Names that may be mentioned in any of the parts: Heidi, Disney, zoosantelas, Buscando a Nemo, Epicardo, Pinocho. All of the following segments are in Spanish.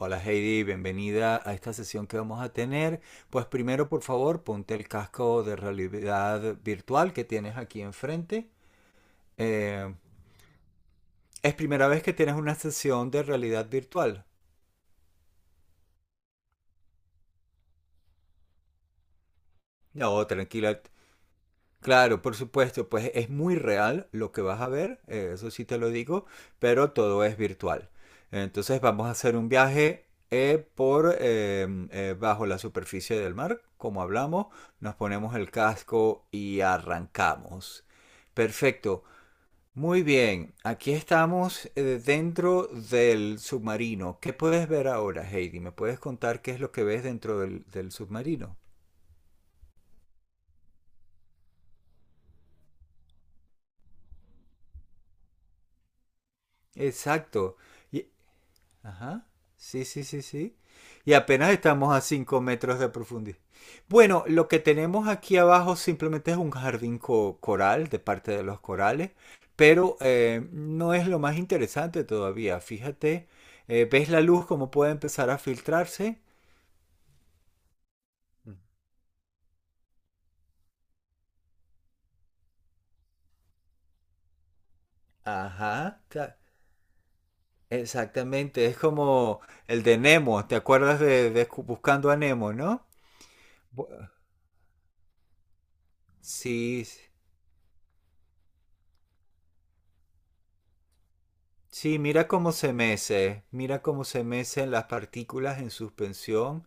Hola Heidi, bienvenida a esta sesión que vamos a tener. Pues primero, por favor, ponte el casco de realidad virtual que tienes aquí enfrente. Eh, ¿Es primera vez que tienes una sesión de realidad virtual? No, tranquila. Claro, por supuesto, pues es muy real lo que vas a ver, eso sí te lo digo, pero todo es virtual. Entonces vamos a hacer un viaje por bajo la superficie del mar, como hablamos, nos ponemos el casco y arrancamos. Perfecto. Muy bien, aquí estamos dentro del submarino. ¿Qué puedes ver ahora, Heidi? ¿Me puedes contar qué es lo que ves dentro del submarino? Exacto. Ajá. Sí, sí, sí, sí. Y apenas estamos a 5 metros de profundidad. Bueno, lo que tenemos aquí abajo simplemente es un coral, de parte de los corales, pero no es lo más interesante todavía. Fíjate, ¿ves la luz cómo puede empezar a filtrarse? Mm. Ajá, ta- Exactamente. Es como el de Nemo. ¿Te acuerdas de Buscando a Nemo, no? Bu- Sí. Sí, mira cómo se mece, mira cómo se mecen las partículas en suspensión,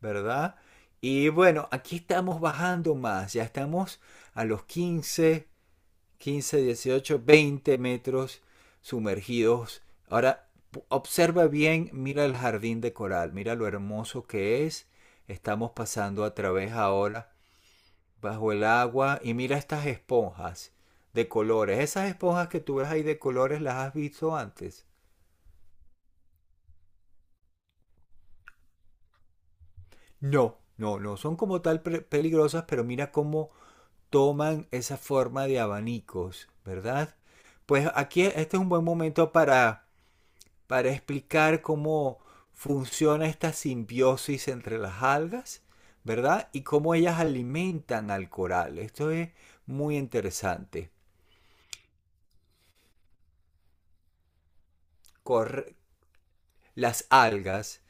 ¿verdad? Y bueno, aquí estamos bajando más, ya estamos a los 15, 15, 18, 20 metros sumergidos. Ahora, observa bien, mira el jardín de coral, mira lo hermoso que es. Estamos pasando a través ahora bajo el agua, y mira estas esponjas de colores. Esas esponjas que tú ves ahí de colores, ¿las has visto antes? No, no, no son como tal peligrosas, pero mira cómo toman esa forma de abanicos, ¿verdad? Pues aquí este es un buen momento para explicar cómo funciona esta simbiosis entre las algas, ¿verdad? Y cómo ellas alimentan al coral. Esto es muy interesante. Corre- las algas.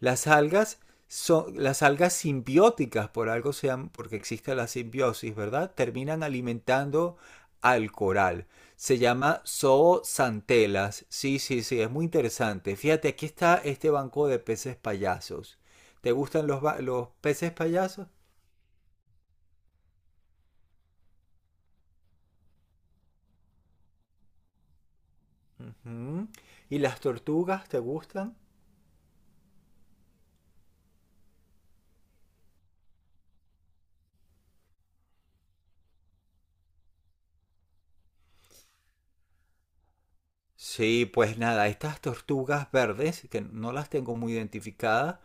Las algas son las algas simbióticas, por algo sean, porque existe la simbiosis, ¿verdad? Terminan alimentando al coral. Se llama zoosantelas. Sí, sí, sí, es muy interesante. Fíjate, aquí está este banco de peces payasos. ¿Te gustan los, los peces payasos? Ujú. ¿Y las tortugas te gustan? Sí, pues nada, estas tortugas verdes, que no las tengo muy identificadas,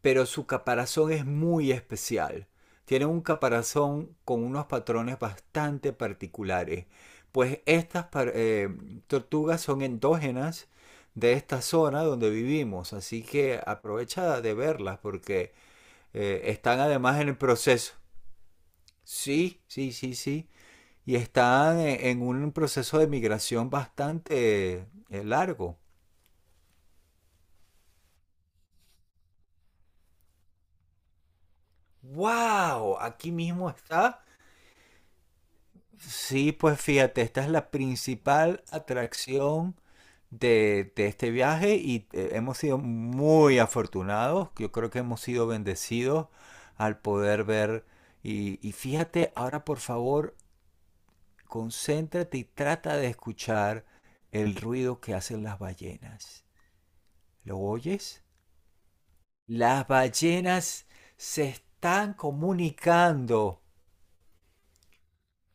pero su caparazón es muy especial. Tiene un caparazón con unos patrones bastante particulares. Pues estas, eh, tortugas son endógenas de esta zona donde vivimos, así que aprovecha de verlas, porque están además en el proceso. Sí, sí, sí, sí. Y están en un proceso de migración bastante largo. ¡Wow! Aquí mismo está. Sí, pues fíjate, esta es la principal atracción de este viaje, y hemos sido muy afortunados. Yo creo que hemos sido bendecidos al poder ver. Y fíjate, ahora por favor, concéntrate y trata de escuchar el ruido que hacen las ballenas. ¿Lo oyes? Las ballenas se están comunicando.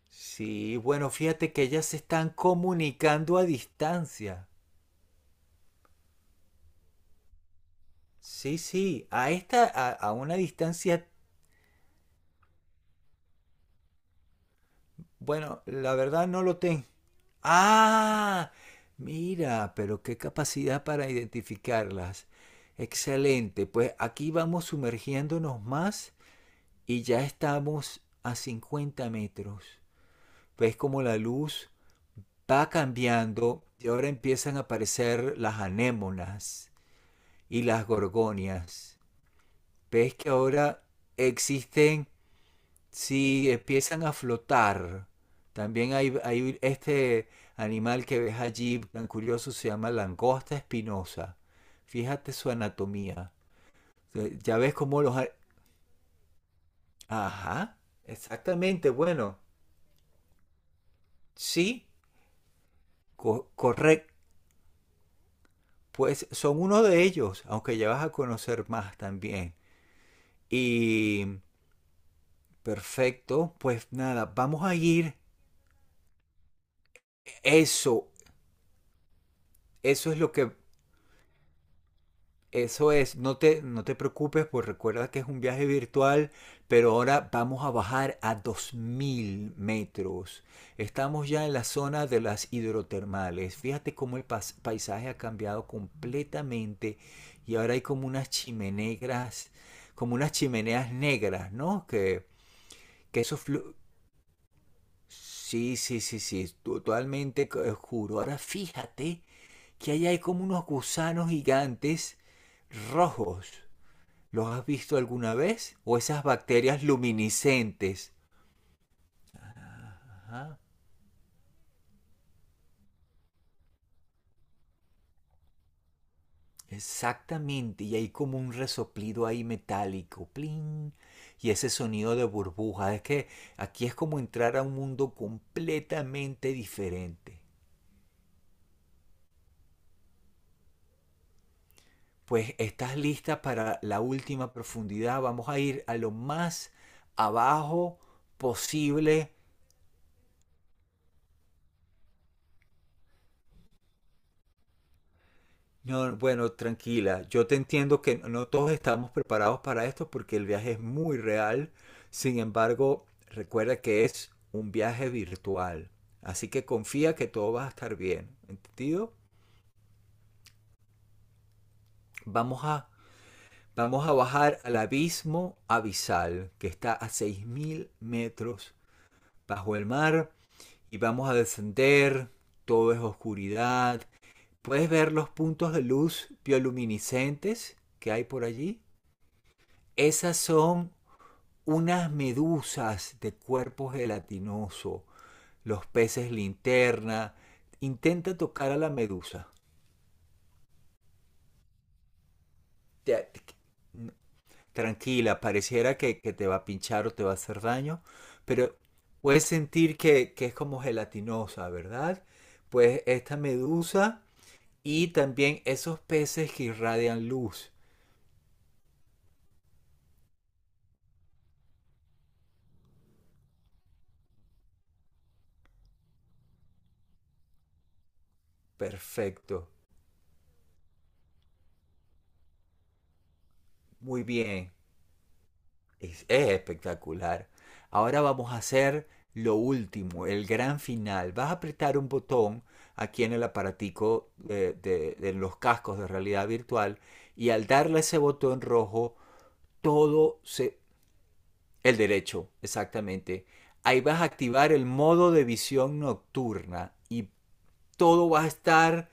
Sí, bueno, fíjate que ellas se están comunicando a distancia. Sí, sí, a esta, a una distancia, bueno, la verdad no lo tengo. Ah, mira, pero qué capacidad para identificarlas. Excelente, pues aquí vamos sumergiéndonos más y ya estamos a 50 metros. Ves como la luz va cambiando y ahora empiezan a aparecer las anémonas y las gorgonias. Ves que ahora existen, si empiezan a flotar. También hay este animal que ves allí, tan curioso, se llama langosta espinosa. Fíjate su anatomía. Ya ves cómo los... Ajá, exactamente. Bueno, sí, correcto. Pues son uno de ellos, aunque ya vas a conocer más también. Y perfecto, pues nada, vamos a ir. Eso, eso es lo que... Eso es, no te, no te preocupes, pues recuerda que es un viaje virtual, pero ahora vamos a bajar a 2000 metros. Estamos ya en la zona de las hidrotermales. Fíjate cómo el paisaje ha cambiado completamente, y ahora hay como unas chimeneas negras, ¿no? Que eso... sí, sí, sí, sí, totalmente oscuro. Ahora fíjate que ahí hay como unos gusanos gigantes rojos. ¿Los has visto alguna vez? O esas bacterias luminiscentes. Ajá, exactamente. Y hay como un resoplido ahí metálico. Plin. Y ese sonido de burbuja. Es que aquí es como entrar a un mundo completamente diferente. Pues estás lista para la última profundidad. Vamos a ir a lo más abajo posible. No, bueno, tranquila, yo te entiendo, que no todos estamos preparados para esto porque el viaje es muy real. Sin embargo, recuerda que es un viaje virtual. Así que confía que todo va a estar bien. ¿Entendido? Vamos a, vamos a bajar al abismo abisal, que está a 6000 metros bajo el mar, y vamos a descender. Todo es oscuridad. ¿Puedes ver los puntos de luz bioluminiscentes que hay por allí? Esas son unas medusas de cuerpo gelatinoso, los peces linterna. Intenta tocar a la medusa. Te- te- Tranquila, pareciera que te va a pinchar o te va a hacer daño, pero puedes sentir que es como gelatinosa, ¿verdad? Pues esta medusa, y también esos peces que irradian luz. Perfecto, muy bien. Es espectacular. Ahora vamos a hacer lo último, el gran final. Vas a apretar un botón aquí en el aparatico de, de los cascos de realidad virtual, y al darle ese botón rojo, todo se... El derecho, exactamente. Ahí vas a activar el modo de visión nocturna, y todo va a estar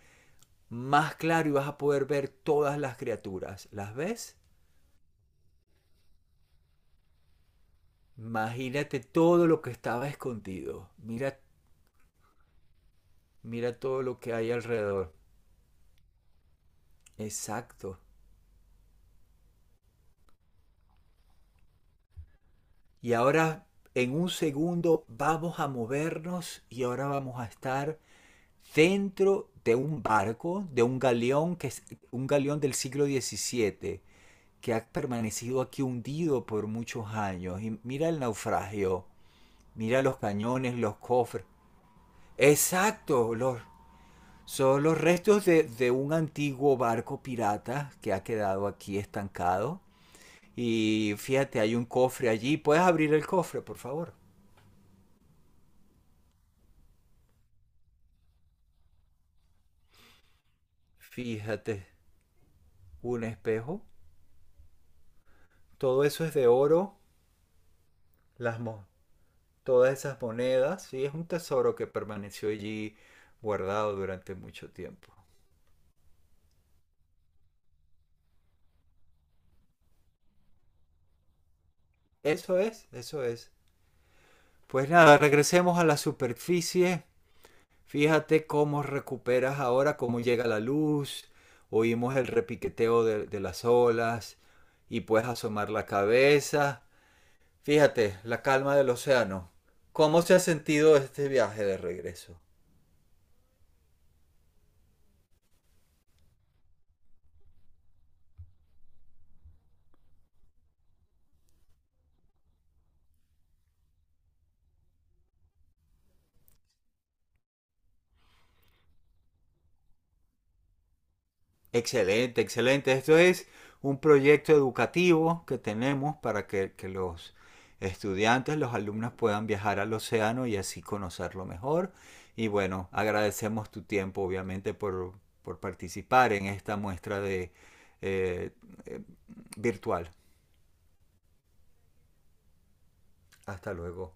más claro y vas a poder ver todas las criaturas. ¿Las ves? Imagínate todo lo que estaba escondido. Mira. Mira todo lo que hay alrededor. Exacto. Y ahora, en un segundo, vamos a movernos y ahora vamos a estar dentro de un barco, de un galeón, que es un galeón del siglo XVII, que ha permanecido aquí hundido por muchos años. Y mira el naufragio, mira los cañones, los cofres. Exacto, los, son los restos de un antiguo barco pirata que ha quedado aquí estancado. Y fíjate, hay un cofre allí. ¿Puedes abrir el cofre, por favor? Fíjate, un espejo. Todo eso es de oro. Las mo- Todas esas monedas. Sí, es un tesoro que permaneció allí guardado durante mucho tiempo. Eso es, eso es. Pues nada, regresemos a la superficie. Fíjate cómo recuperas ahora, cómo llega la luz. Oímos el repiqueteo de las olas, y puedes asomar la cabeza. Fíjate, la calma del océano. ¿Cómo se ha sentido este viaje de regreso? Excelente, excelente. Esto es un proyecto educativo que tenemos para que los estudiantes, los alumnos puedan viajar al océano y así conocerlo mejor. Y bueno, agradecemos tu tiempo, obviamente, por participar en esta muestra de, eh, eh, virtual. Hasta luego.